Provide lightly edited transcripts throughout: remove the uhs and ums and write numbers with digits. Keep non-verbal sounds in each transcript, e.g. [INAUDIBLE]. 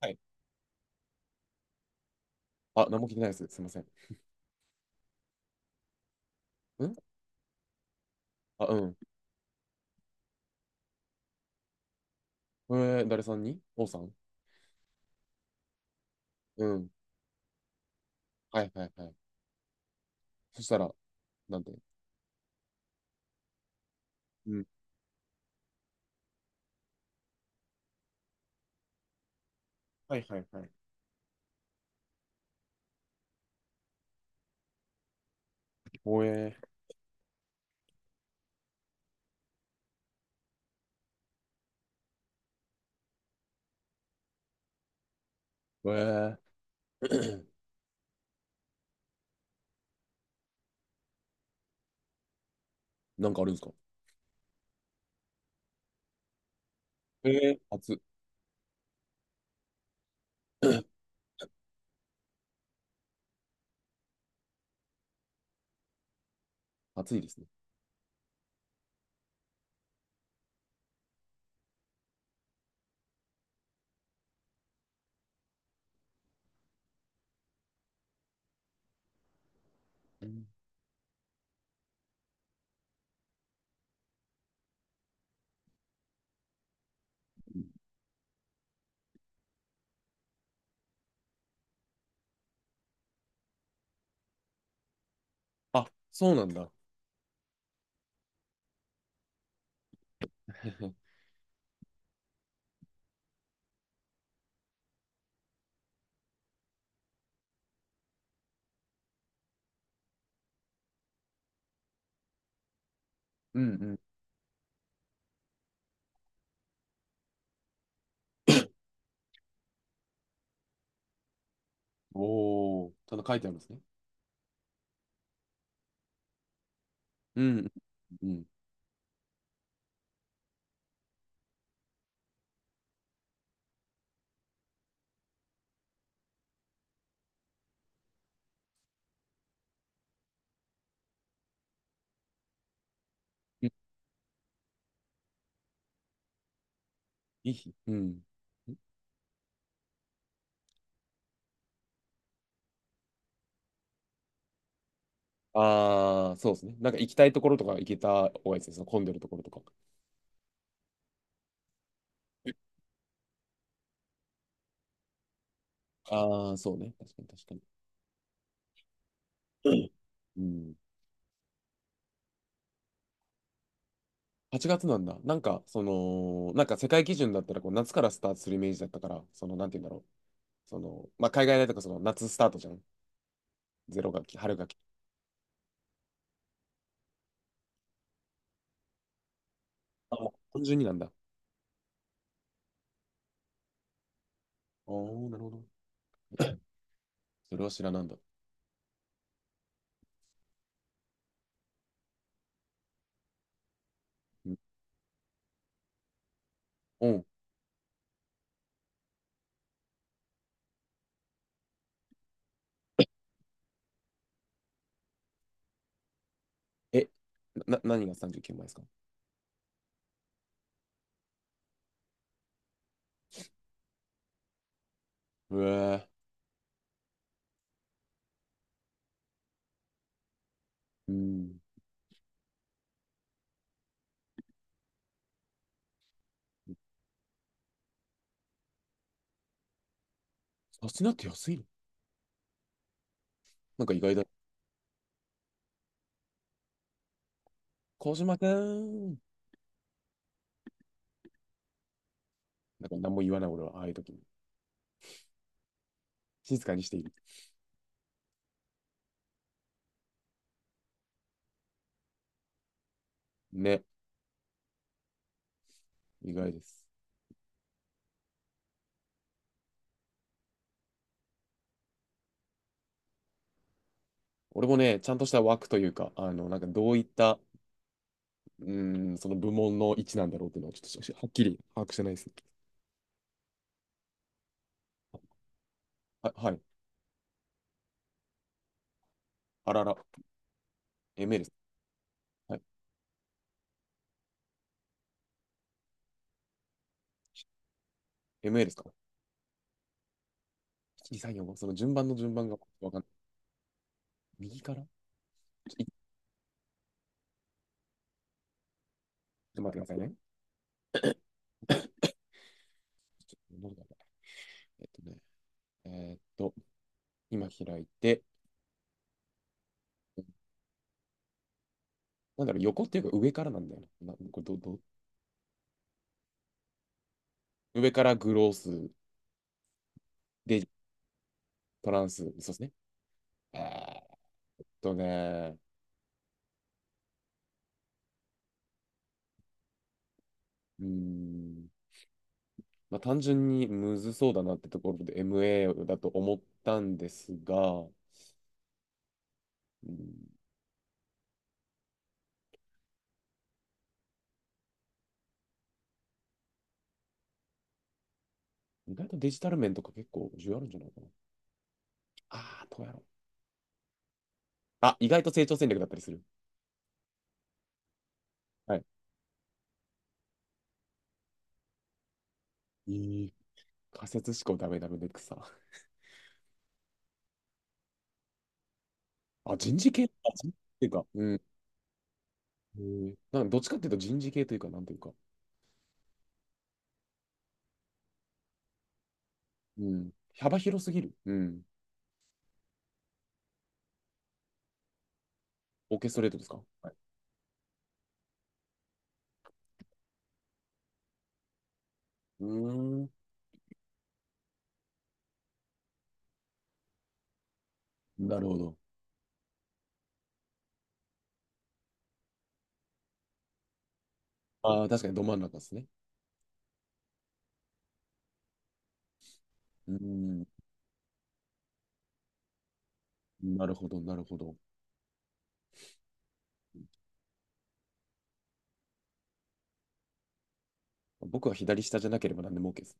はい。あ、何も聞いてないです。すいません。んあ、うん。誰さんに王さん。うん。はいはいはい。そしたら、なんて。うん。はいはいはい。おえー、えー、[CLEARS THROAT] なんかあるんですか？えー、暑、[COUGHS] [CLEARS THROAT] 暑いですね。うん。あ、そうなんだ。[LAUGHS] うんうん。おお、ただ書いてあるんですね。うんうん。うん。いい日。うん。ああ、そうですね。なんか行きたいところとか行けた方がいいですね。その混んでるところとか。ああ、そうね。確かに確かに。[LAUGHS] うん。うん。8月なんだ。なんか、その、なんか世界基準だったら、こう、夏からスタートするイメージだったから、その、なんて言うんだろう。その、まあ、海外だとか、その、夏スタートじゃん。ゼロ学期、春学期。あ、もう、単純になんだ。あー、なるほど。それは知らなんだ。うん。うん。え、何が39万円ですか？うえー、うん。サステナって安いの？なんか意外だ。小島くん。なんか何も言わない俺は、ああいう時に静かにしている。ね、意外です。俺もね、ちゃんとした枠というか、あの、なんかどういったその部門の位置なんだろうっていうのはちょっとはっきり把握してないですね。はい。あらら。MA です。はい。MA ですか？ 1、2、3、4、5。その順番の順番がわかんない。右からちょっと待ってくださいね。ちょっとどうだろう。えーっと、今開いて、なんだろう、横っていうか上からなんだよな。なこれど、ど、上からグロース、で、トランス、そうですね。えーっとね、うーん、まあ、単純にむずそうだなってところで MA だと思ったんですが、うん、意外とデジタル面とか結構重要あるんじゃないかな。ああ、どうやろう。あ、意外と成長戦略だったりする。はい。いい仮説思考ダメダメで草。あ、人事っていうか、うん。なんかどっちかっていうと人事系というか、なんていうか、うん。幅広すぎる。うん。オーケストレートですか？はい。うーん。なるほど。ああ、確かにど真ん中ですね。うーん。なるほど、なるほど。僕は左下じゃなければ何でも OK です。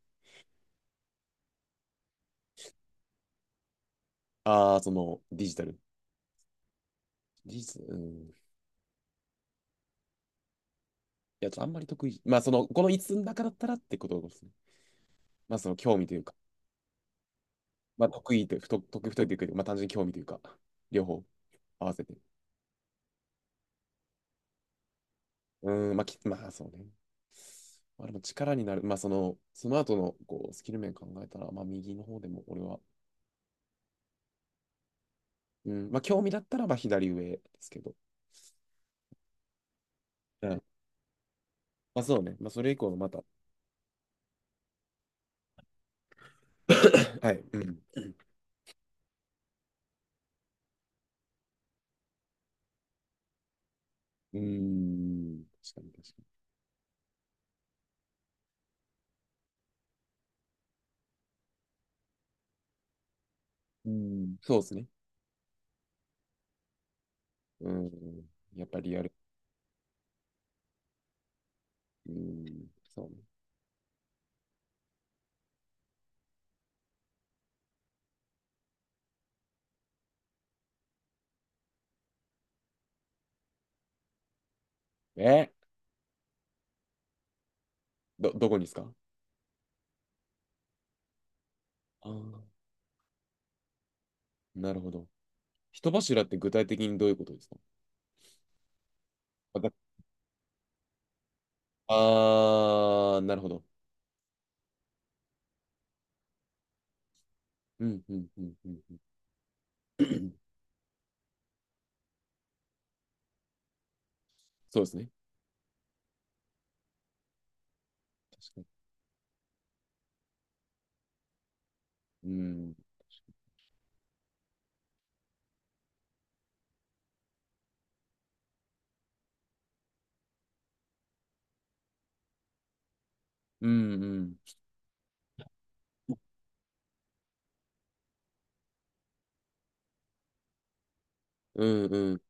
ああ、その、デジタル。うん。や、ちょっとあんまり得意。まあ、その、この5つつの中だったらってことですね。まあ、その興味というか、まあ、得意と、得意不得意というか、まあ、単純に興味というか、両方合わせて。うーん、まあ、まあ、そうね。まあ、でも力になる。まあ、その、その後の、こう、スキル面考えたら、まあ、右の方でも、俺は、うん、まあ、興味だったら、まあ、左上ですけど。うん。まあ、そうね。まあ、それ以降のまた、[COUGHS] はい。うん。うーん。確かに、確かに。うん。そうですね。うん。やっぱりリアル。うん。そうね。えーどこにですか？ああー、なるほど。人柱って具体的にどういうことですか？あ、だあー、なるほど。うん、うん、うん、うん。うん。そうですね。確かに。うん、うん、うん、うん、うん。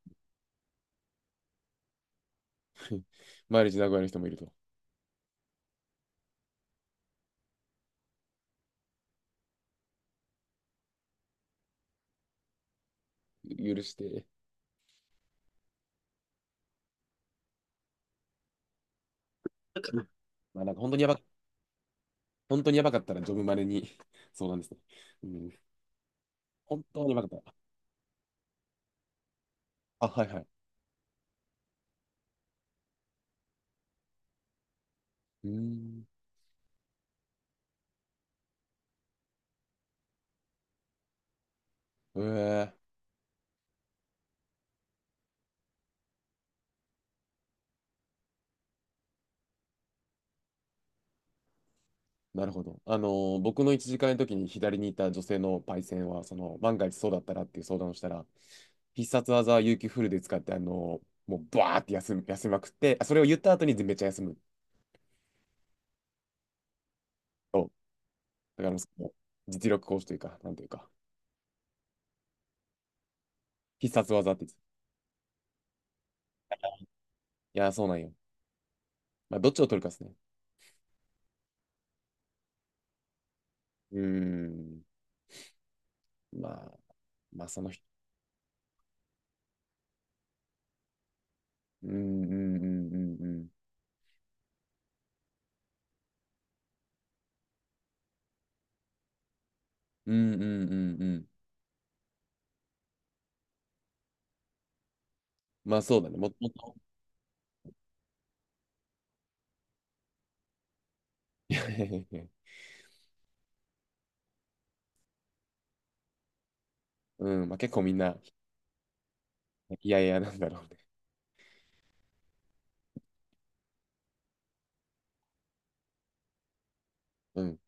毎日名古屋の人もいると。許して。[LAUGHS] まあ、なんか本当にやばかったらジョブマネに。 [LAUGHS] そうなんですね。うん、本当にやばかったら。あ、はいはい。うーん。ええ、なるほど。僕の1時間の時に左にいた女性のパイセンは、その、万が一そうだったらっていう相談をしたら、必殺技は有給フルで使って、もうバーって休みまくって、あ、それを言った後にめっちゃ休む。そう。だからもうその実力行使というか、なんというか、必殺技って言ってた。いやー、そうなんよ。まあ、どっちを取るかですね。うーん。まあ、まあ、その人。うーん、うん、うん、うん、うん。うん、うん、うん、うん。まあ、そうだね。もっともっと。[LAUGHS] いやいやいやいや。うん、まあ、結構みんな、いやいやなんだろうね。うん。